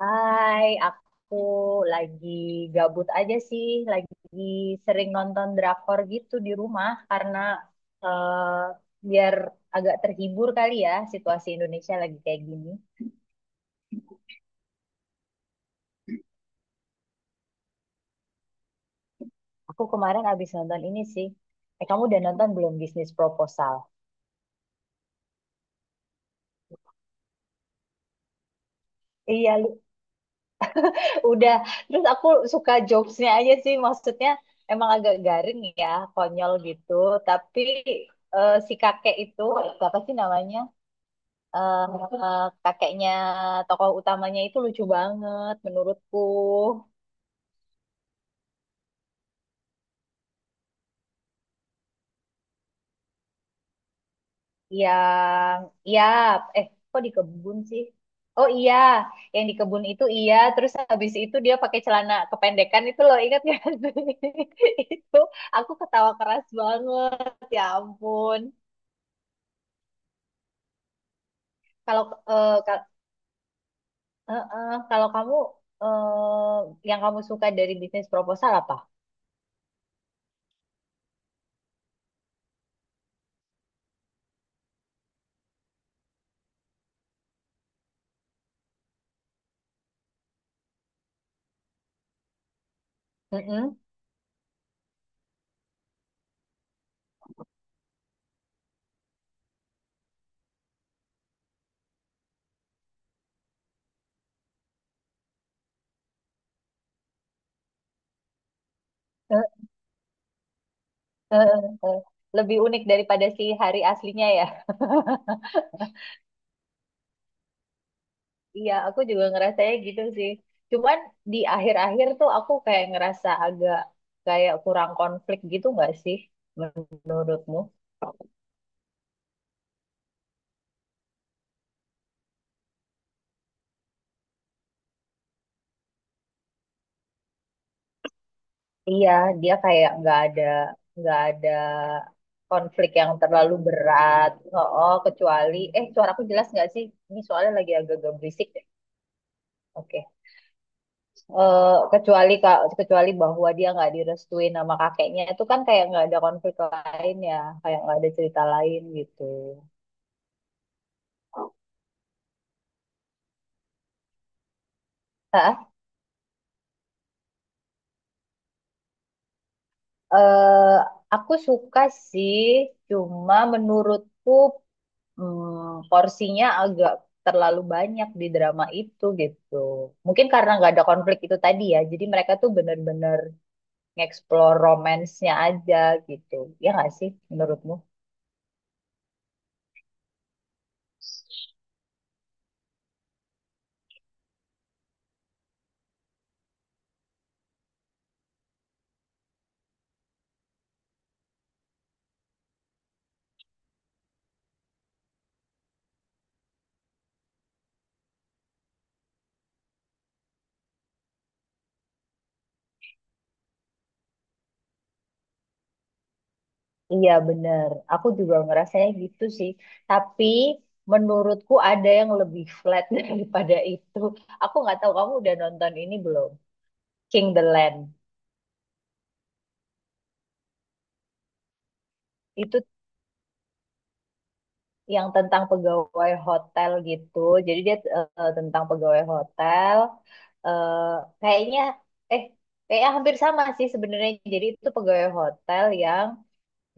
Hai, aku lagi gabut aja sih, lagi sering nonton drakor gitu di rumah karena eh, biar agak terhibur kali ya, situasi Indonesia lagi kayak gini. Aku kemarin abis nonton ini sih. Eh, kamu udah nonton belum Bisnis Proposal? Iya, lu udah. Terus aku suka jokesnya aja sih, maksudnya emang agak garing ya, konyol gitu. Tapi si kakek itu, apa sih namanya? eh kakeknya tokoh utamanya itu lucu banget menurutku. Yang, iya, eh kok di kebun sih? Oh iya, yang di kebun itu, iya. Terus habis itu dia pakai celana kependekan itu loh, ingat gak sih? Itu aku ketawa keras banget. Ya ampun. Kalau eh, ka- eh, eh, kalau kamu, yang kamu suka dari bisnis proposal apa? Mm-mm. Eh, eh, eh, eh. Lebih unik daripada si hari aslinya ya. Iya, aku juga ngerasanya gitu sih. Cuman di akhir-akhir tuh aku kayak ngerasa agak kayak kurang konflik gitu, nggak sih menurutmu? Iya, dia kayak nggak ada konflik yang terlalu berat. Oh, kecuali, suaraku jelas nggak sih? Ini soalnya lagi agak-agak berisik deh. Oke. Eh, kecuali bahwa dia nggak direstuin sama kakeknya itu kan, kayak nggak ada konflik lain ya, kayak nggak ada cerita lain gitu. Hah? Eh, aku suka sih, cuma menurutku, porsinya agak terlalu banyak di drama itu gitu. Mungkin karena nggak ada konflik itu tadi ya, jadi mereka tuh bener-bener nge-explore romance-nya aja gitu. Ya nggak sih menurutmu? Iya bener, aku juga ngerasanya gitu sih. Tapi menurutku ada yang lebih flat daripada itu. Aku nggak tahu kamu udah nonton ini belum? King the Land. Itu yang tentang pegawai hotel gitu. Jadi dia, tentang pegawai hotel. eh kayaknya eh kayaknya hampir sama sih sebenarnya. Jadi itu pegawai hotel yang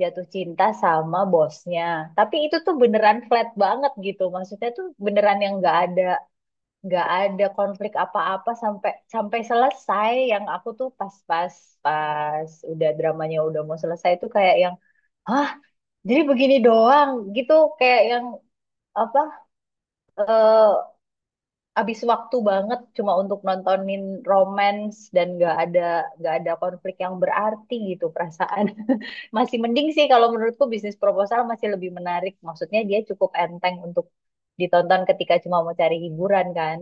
jatuh cinta sama bosnya. Tapi itu tuh beneran flat banget gitu. Maksudnya tuh beneran yang nggak ada konflik apa-apa sampai sampai selesai. Yang aku tuh pas udah dramanya udah mau selesai itu kayak yang, "Hah, jadi begini doang gitu," kayak yang apa, eh habis waktu banget cuma untuk nontonin romance dan nggak ada konflik yang berarti gitu perasaan. Masih mending sih kalau menurutku bisnis proposal masih lebih menarik. Maksudnya dia cukup enteng untuk ditonton ketika cuma mau cari hiburan kan.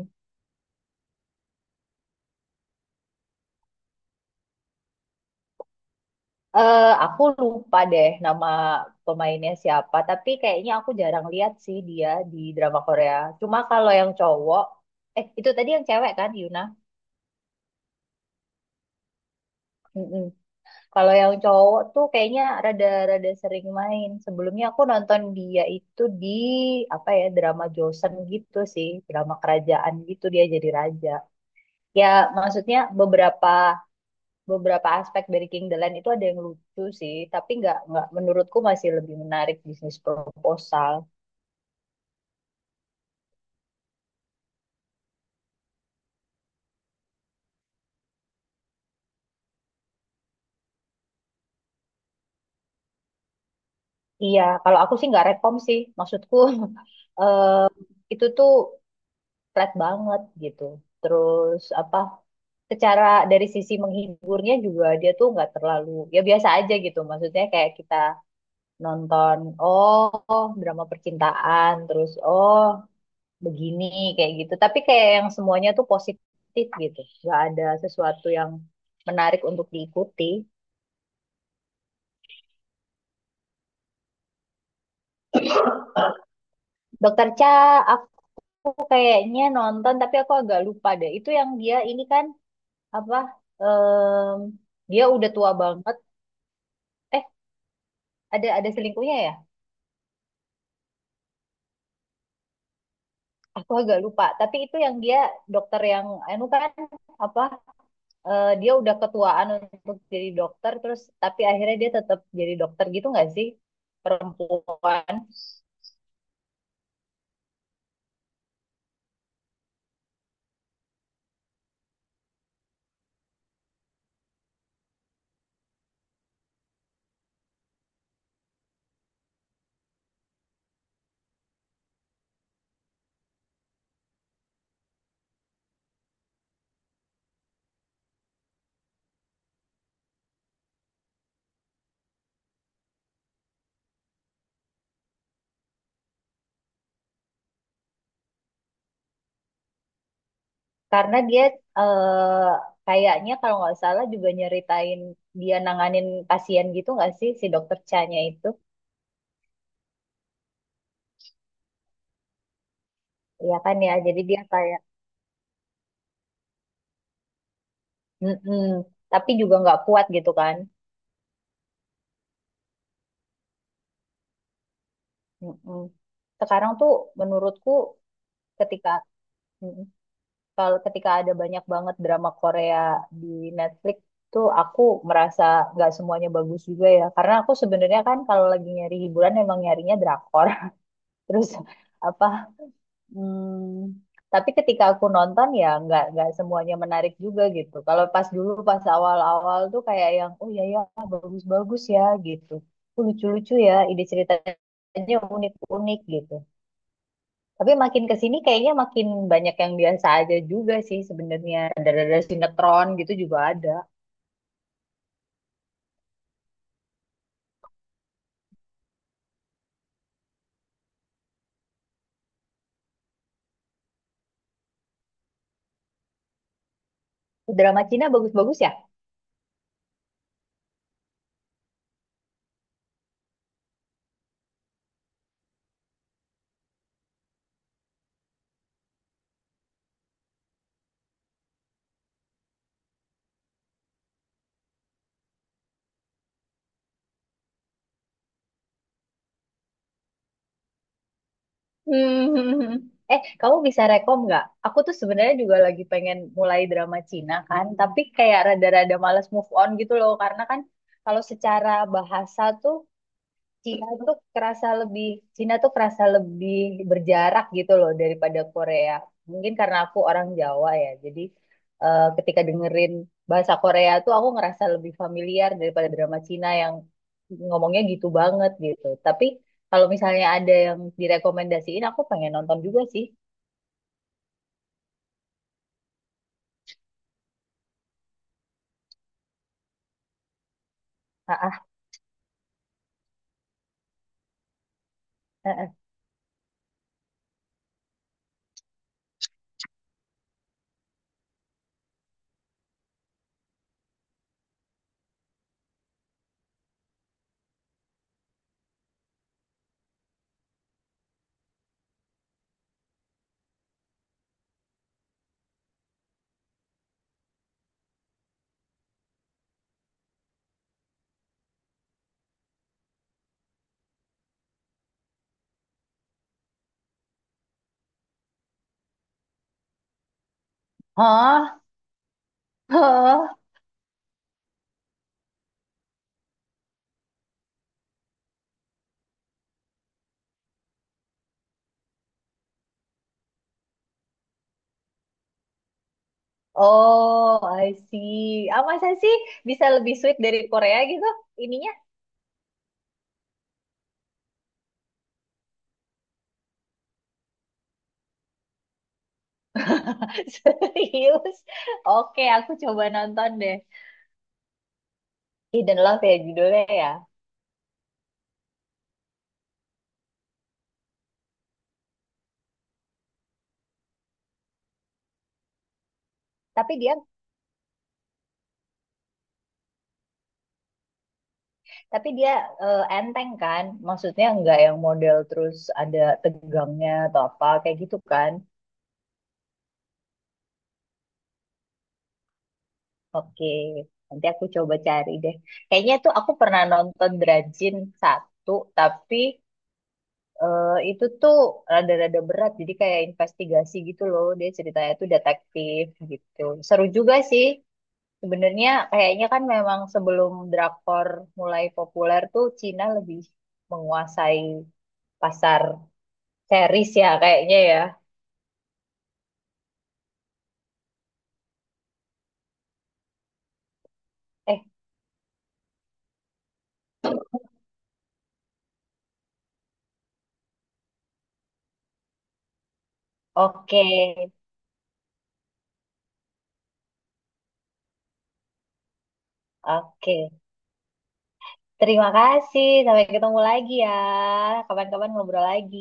Aku lupa deh nama pemainnya siapa, tapi kayaknya aku jarang lihat sih dia di drama Korea. Cuma kalau yang cowok, itu tadi yang cewek kan Yuna? Mm-mm. Kalau yang cowok tuh kayaknya rada-rada sering main. Sebelumnya aku nonton dia itu di apa ya, drama Joseon gitu sih, drama kerajaan gitu dia jadi raja. Ya maksudnya beberapa beberapa aspek dari King the Land itu ada yang lucu sih, tapi nggak menurutku masih lebih menarik bisnis proposal. Iya, kalau aku sih nggak rekom sih. Maksudku eh, itu tuh flat banget gitu. Terus apa, secara dari sisi menghiburnya juga dia tuh nggak terlalu, ya biasa aja gitu. Maksudnya kayak kita nonton, oh drama percintaan, terus oh begini, kayak gitu. Tapi kayak yang semuanya tuh positif gitu. Nggak ada sesuatu yang menarik untuk diikuti. Dokter Cha aku kayaknya nonton tapi aku agak lupa deh. Itu yang dia ini kan apa, em, dia udah tua banget. Ada selingkuhnya ya, aku agak lupa tapi itu yang dia dokter yang anu kan, apa, dia udah ketuaan untuk jadi dokter terus tapi akhirnya dia tetap jadi dokter gitu nggak sih, perempuan. Karena dia, eh, kayaknya kalau nggak salah juga nyeritain dia nanganin pasien gitu nggak sih si dokter Chanya itu. Ya kan ya, jadi dia kayak, mm tapi juga nggak kuat gitu kan. Mm-mm. Sekarang tuh menurutku ketika ketika ada banyak banget drama Korea di Netflix tuh aku merasa nggak semuanya bagus juga ya, karena aku sebenarnya kan kalau lagi nyari hiburan emang nyarinya drakor. Terus apa, hmm, tapi ketika aku nonton ya nggak semuanya menarik juga gitu. Kalau pas dulu, pas awal-awal tuh kayak yang, oh ya ya, bagus-bagus ya gitu. Oh, lucu-lucu ya ide ceritanya, unik-unik gitu. Tapi makin ke sini kayaknya makin banyak yang biasa aja juga sih sebenarnya. Ada-ada sinetron gitu juga ada. Drama Cina bagus-bagus ya? Eh, kamu bisa rekom nggak? Aku tuh sebenarnya juga lagi pengen mulai drama Cina kan, tapi kayak rada-rada males move on gitu loh, karena kan kalau secara bahasa tuh Cina tuh kerasa lebih Cina tuh kerasa lebih berjarak gitu loh daripada Korea. Mungkin karena aku orang Jawa ya, jadi ketika dengerin bahasa Korea tuh aku ngerasa lebih familiar daripada drama Cina yang ngomongnya gitu banget gitu. Tapi kalau misalnya ada yang direkomendasiin, aku pengen nonton juga sih. Ah, ah, ah, ah. Hah? Hah? Oh, I see. Ah, masa sih bisa lebih sweet dari Korea gitu? Ininya Serius? Oke, aku coba nonton deh. Hidden Love ya judulnya ya. Tapi dia tapi dia enteng kan? Maksudnya nggak yang model terus ada tegangnya atau apa kayak gitu kan? Oke, nanti aku coba cari deh. Kayaknya tuh aku pernah nonton Drajin satu, tapi itu tuh rada-rada berat. Jadi kayak investigasi gitu loh. Dia ceritanya tuh detektif gitu. Seru juga sih. Sebenarnya kayaknya kan memang sebelum drakor mulai populer tuh Cina lebih menguasai pasar series ya kayaknya ya. Eh, oke. Oke. Terima kasih. Sampai ketemu lagi ya. Kapan-kapan ngobrol lagi.